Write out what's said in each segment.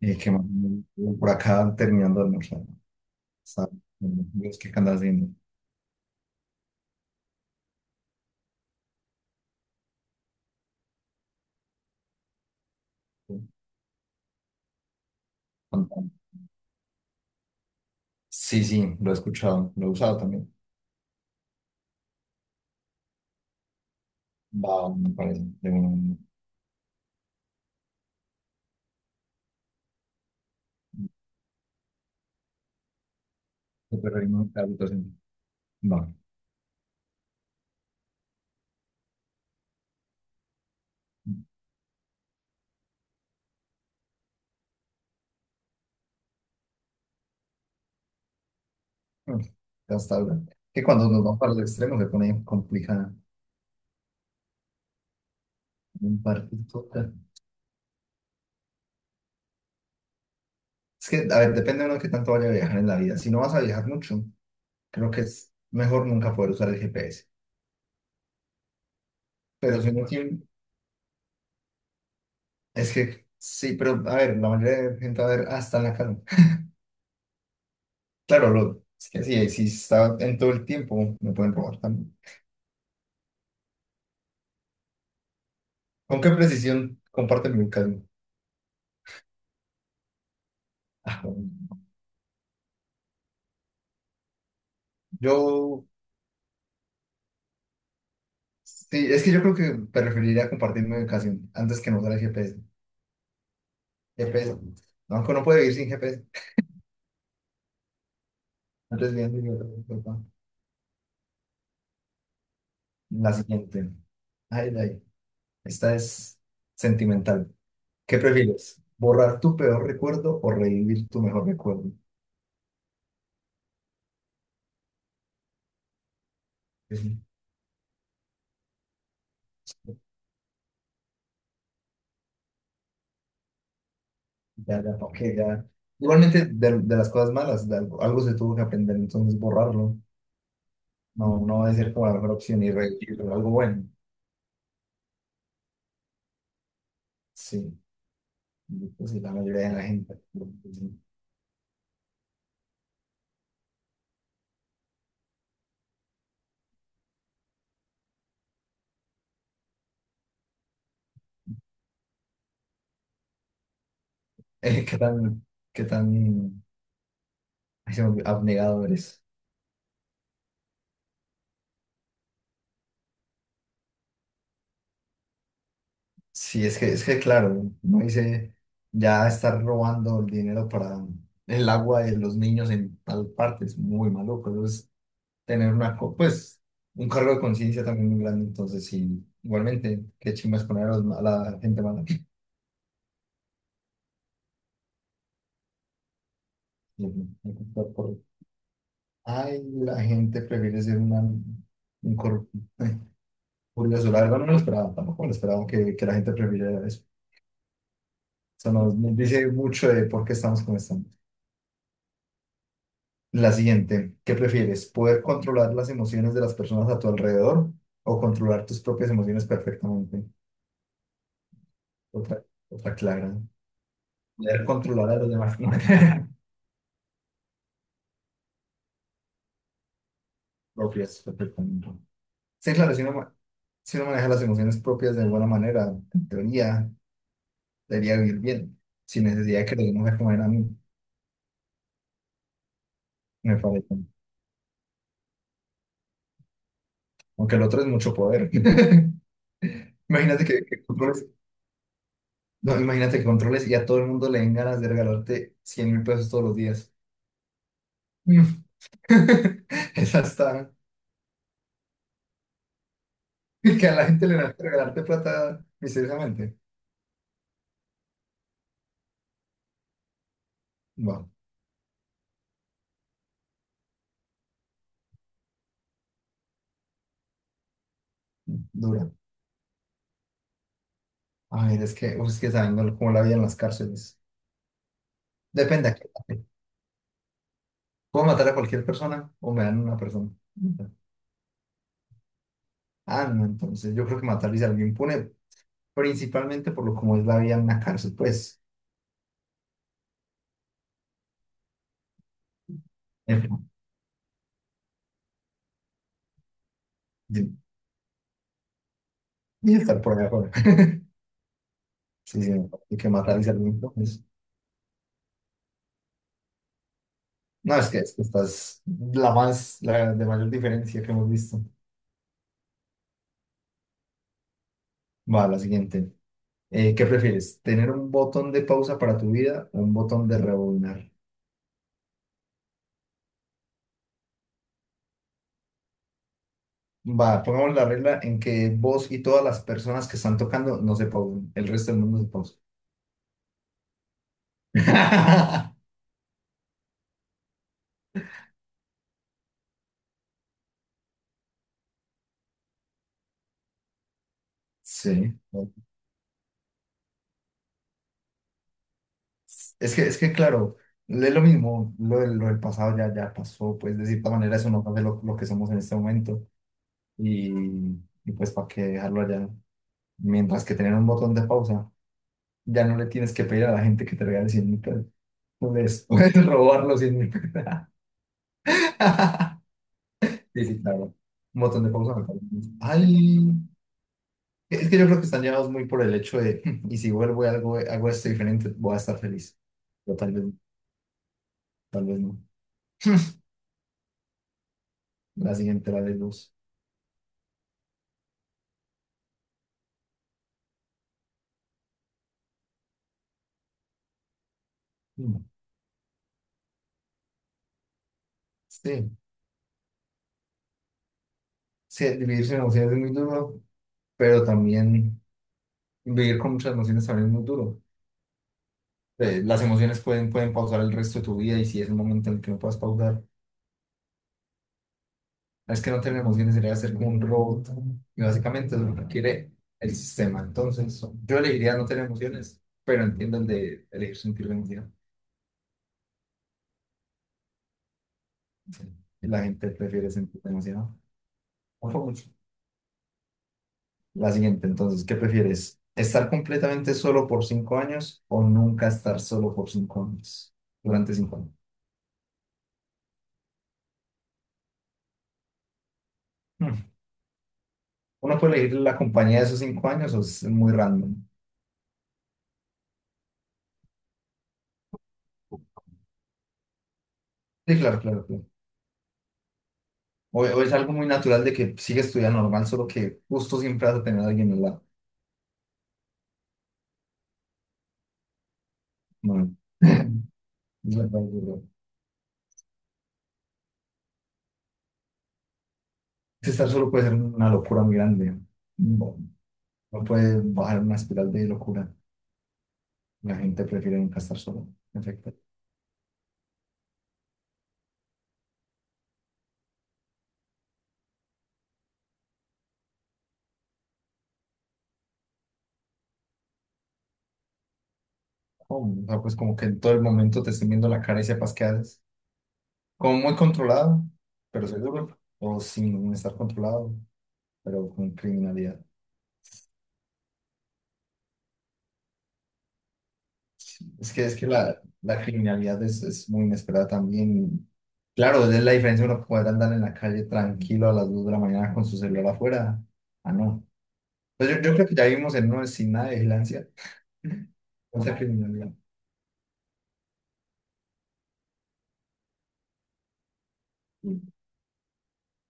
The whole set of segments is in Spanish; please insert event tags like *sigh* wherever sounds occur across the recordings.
Y que más, o menos por acá terminando de almorzar. Está- Dios, ¿qué andas haciendo? Contame. Sí, sí, lo he escuchado, lo he usado también. Va, me parece, de un superreino de habitación. Va. Mm, Hasta ahora. Que cuando nos vamos para el extremo se pone complicada. Un partido. Es que, a ver, depende de uno que tanto vaya a viajar en la vida. Si no vas a viajar mucho, creo que es mejor nunca poder usar el GPS. Pero si uno tiene. Es que, sí, pero a ver, la mayoría de gente, a ver, hasta en la casa. Claro, lo, es que sí, si está en todo el tiempo, me pueden robar también. ¿Con qué precisión comparten mi ubicación? Ah, bueno, yo, sí, es que yo creo que preferiría compartir mi ubicación antes que no usar el GPS. GPS, no, aunque uno puede vivir sin GPS. Entonces, bien, yo- yo- la siguiente. Ay, ay, esta es sentimental. ¿Qué prefieres? ¿Borrar tu peor recuerdo o revivir tu mejor recuerdo? Ya, ya, ok, ya. Igualmente de las cosas malas, de algo, algo se tuvo que aprender, entonces borrarlo. No, no va a ser como la mejor opción y revivirlo, algo bueno. Sí, pues sí, la mayoría de la gente. *laughs* Sí. Eh, ¿Qué tan, qué tan ay, se me olvidó, abnegado eres? Sí, es que claro, no hice ya estar robando el dinero para el agua de los niños en tal parte, es muy maluco, eso es tener una, pues, un cargo de conciencia también muy grande. Entonces, sí, igualmente, qué chimbas poner a, los a la gente mala. *laughs* Y el- el control por- Ay, la gente prefiere ser una, un corrupto. *laughs* Curioso, la verdad no me lo esperaba, tampoco me lo esperaba que la gente prefiriera eso. Eso nos, nos dice mucho de por qué estamos como estamos. La siguiente, ¿qué prefieres? ¿Poder controlar las emociones de las personas a tu alrededor o controlar tus propias emociones perfectamente? Otra, otra clara. Poder controlar a los demás. *laughs* Propias, perfectamente. Sí, claro, si uno maneja las emociones propias de buena manera, en teoría, debería vivir bien, sin necesidad de que los demás me coman a mí, me parece. Aunque el otro es mucho poder. *laughs* Imagínate que controles, no, imagínate que controles y a todo el mundo le den ganas de regalarte 100.000 pesos todos los días. Mm. *laughs* Esa está, que a la gente le dan ganas de regalarte plata misteriosamente. Bueno, dura. A ver, es que, uf, es que saben ¿no? cómo la vida en las cárceles. Depende. ¿A qué? ¿Puedo matar a cualquier persona o me dan una persona? Ah, no, entonces yo creo que matar es algo impune, principalmente por lo como es la vida en una cárcel, pues. eh, Y y estar por allá afuera. *laughs* Sí, sí, y que matar es algo impune. No, es que esta es la más, la de mayor diferencia que hemos visto. Va, la siguiente. ¿Qué prefieres? ¿Tener un botón de pausa para tu vida o un botón de rebobinar? Va, pongamos la regla en que vos y todas las personas que están tocando no se pausen, el resto del mundo se pausa. *laughs* Sí, no, es que claro, es lo mismo, lo, lo del pasado ya, ya pasó, pues de cierta manera eso no hace lo que somos en este momento y, y pues para qué dejarlo allá, mientras que tener un botón de pausa, ya no le tienes que pedir a la gente que te regale 100.000 pesos, puedes, *laughs* puedes robar los 100.000 pesos. *laughs* Sí, sí, claro, un botón de pausa me parece. Mucho. Ay, es que yo creo que están llevados muy por el hecho de, *laughs* y si vuelvo y algo, hago esto diferente, voy a estar feliz, pero tal vez no. La siguiente, la de luz. Mm. Sí, sí, vivir sin emociones es muy duro, pero también vivir con muchas emociones también es muy duro. Las emociones pueden, pueden pausar el resto de tu vida y si es el momento en el que no puedas pausar, no es que no tener emociones sería ser como un robot. Y básicamente es lo que el sistema. Entonces, yo elegiría no tener emociones, pero entiendo el de elegir sentir la emoción. Sí. Y la gente prefiere sentir emocionado. Por mucho. La siguiente, entonces, ¿qué prefieres? ¿Estar completamente solo por 5 años o nunca estar solo por 5 años? Durante 5 años. Hmm. Uno puede elegir la compañía de esos 5 años o es muy random. Sí, claro, claro, claro. O es algo muy natural de que sigues tu vida normal, solo que justo siempre vas a tener a alguien al lado. No. *laughs* Es verdad, es verdad. Si estar solo puede ser una locura muy grande. No, no puede bajar una espiral de locura. La gente prefiere nunca estar solo. Perfecto. Oh, o sea, pues como que en todo el momento te estén viendo la cara y sepas qué haces. Como muy controlado, pero seguro. O sin estar controlado, pero con criminalidad. Es que la, la criminalidad es muy inesperada también. Claro, es la diferencia de uno poder andar en la calle tranquilo a las 2 de la mañana con su celular afuera. Ah, no. Pues yo creo que ya vivimos en una sin nada de vigilancia. *laughs* Mucha criminalidad.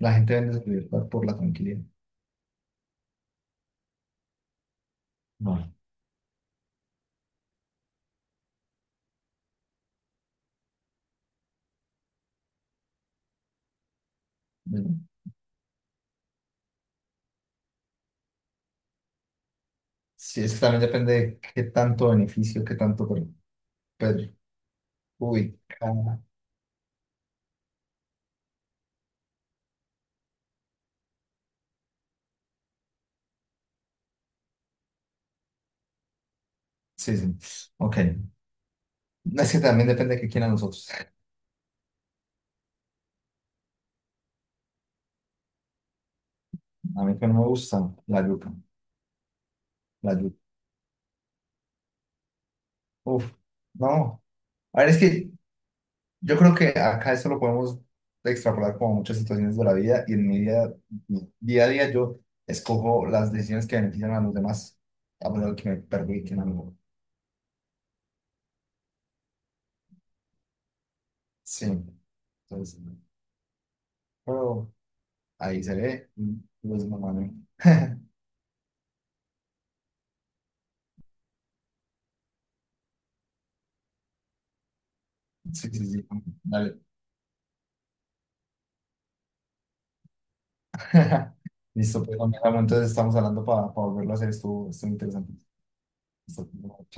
La gente vende su libertad por la tranquilidad. No. Sí, es que también depende de qué tanto beneficio, perjudica. Sí, sí. Ok. Es que también depende de qué quieran nosotros. A mí que no me gusta la yuca. La yuca. Uf. No. A ver, es que yo creo que acá eso lo podemos extrapolar como a muchas situaciones de la vida y en mi día a día yo escojo las decisiones que benefician a los demás, a pesar de que me perjudiquen a mí. Sí. Entonces, pero ahí se ve. Pues, mamá, ¿no? *laughs* Sí, sí, sí. Dale. *laughs* Listo, pues, amigo, entonces estamos hablando para volverlo a hacer. Estuvo, estuvo interesante. Listo.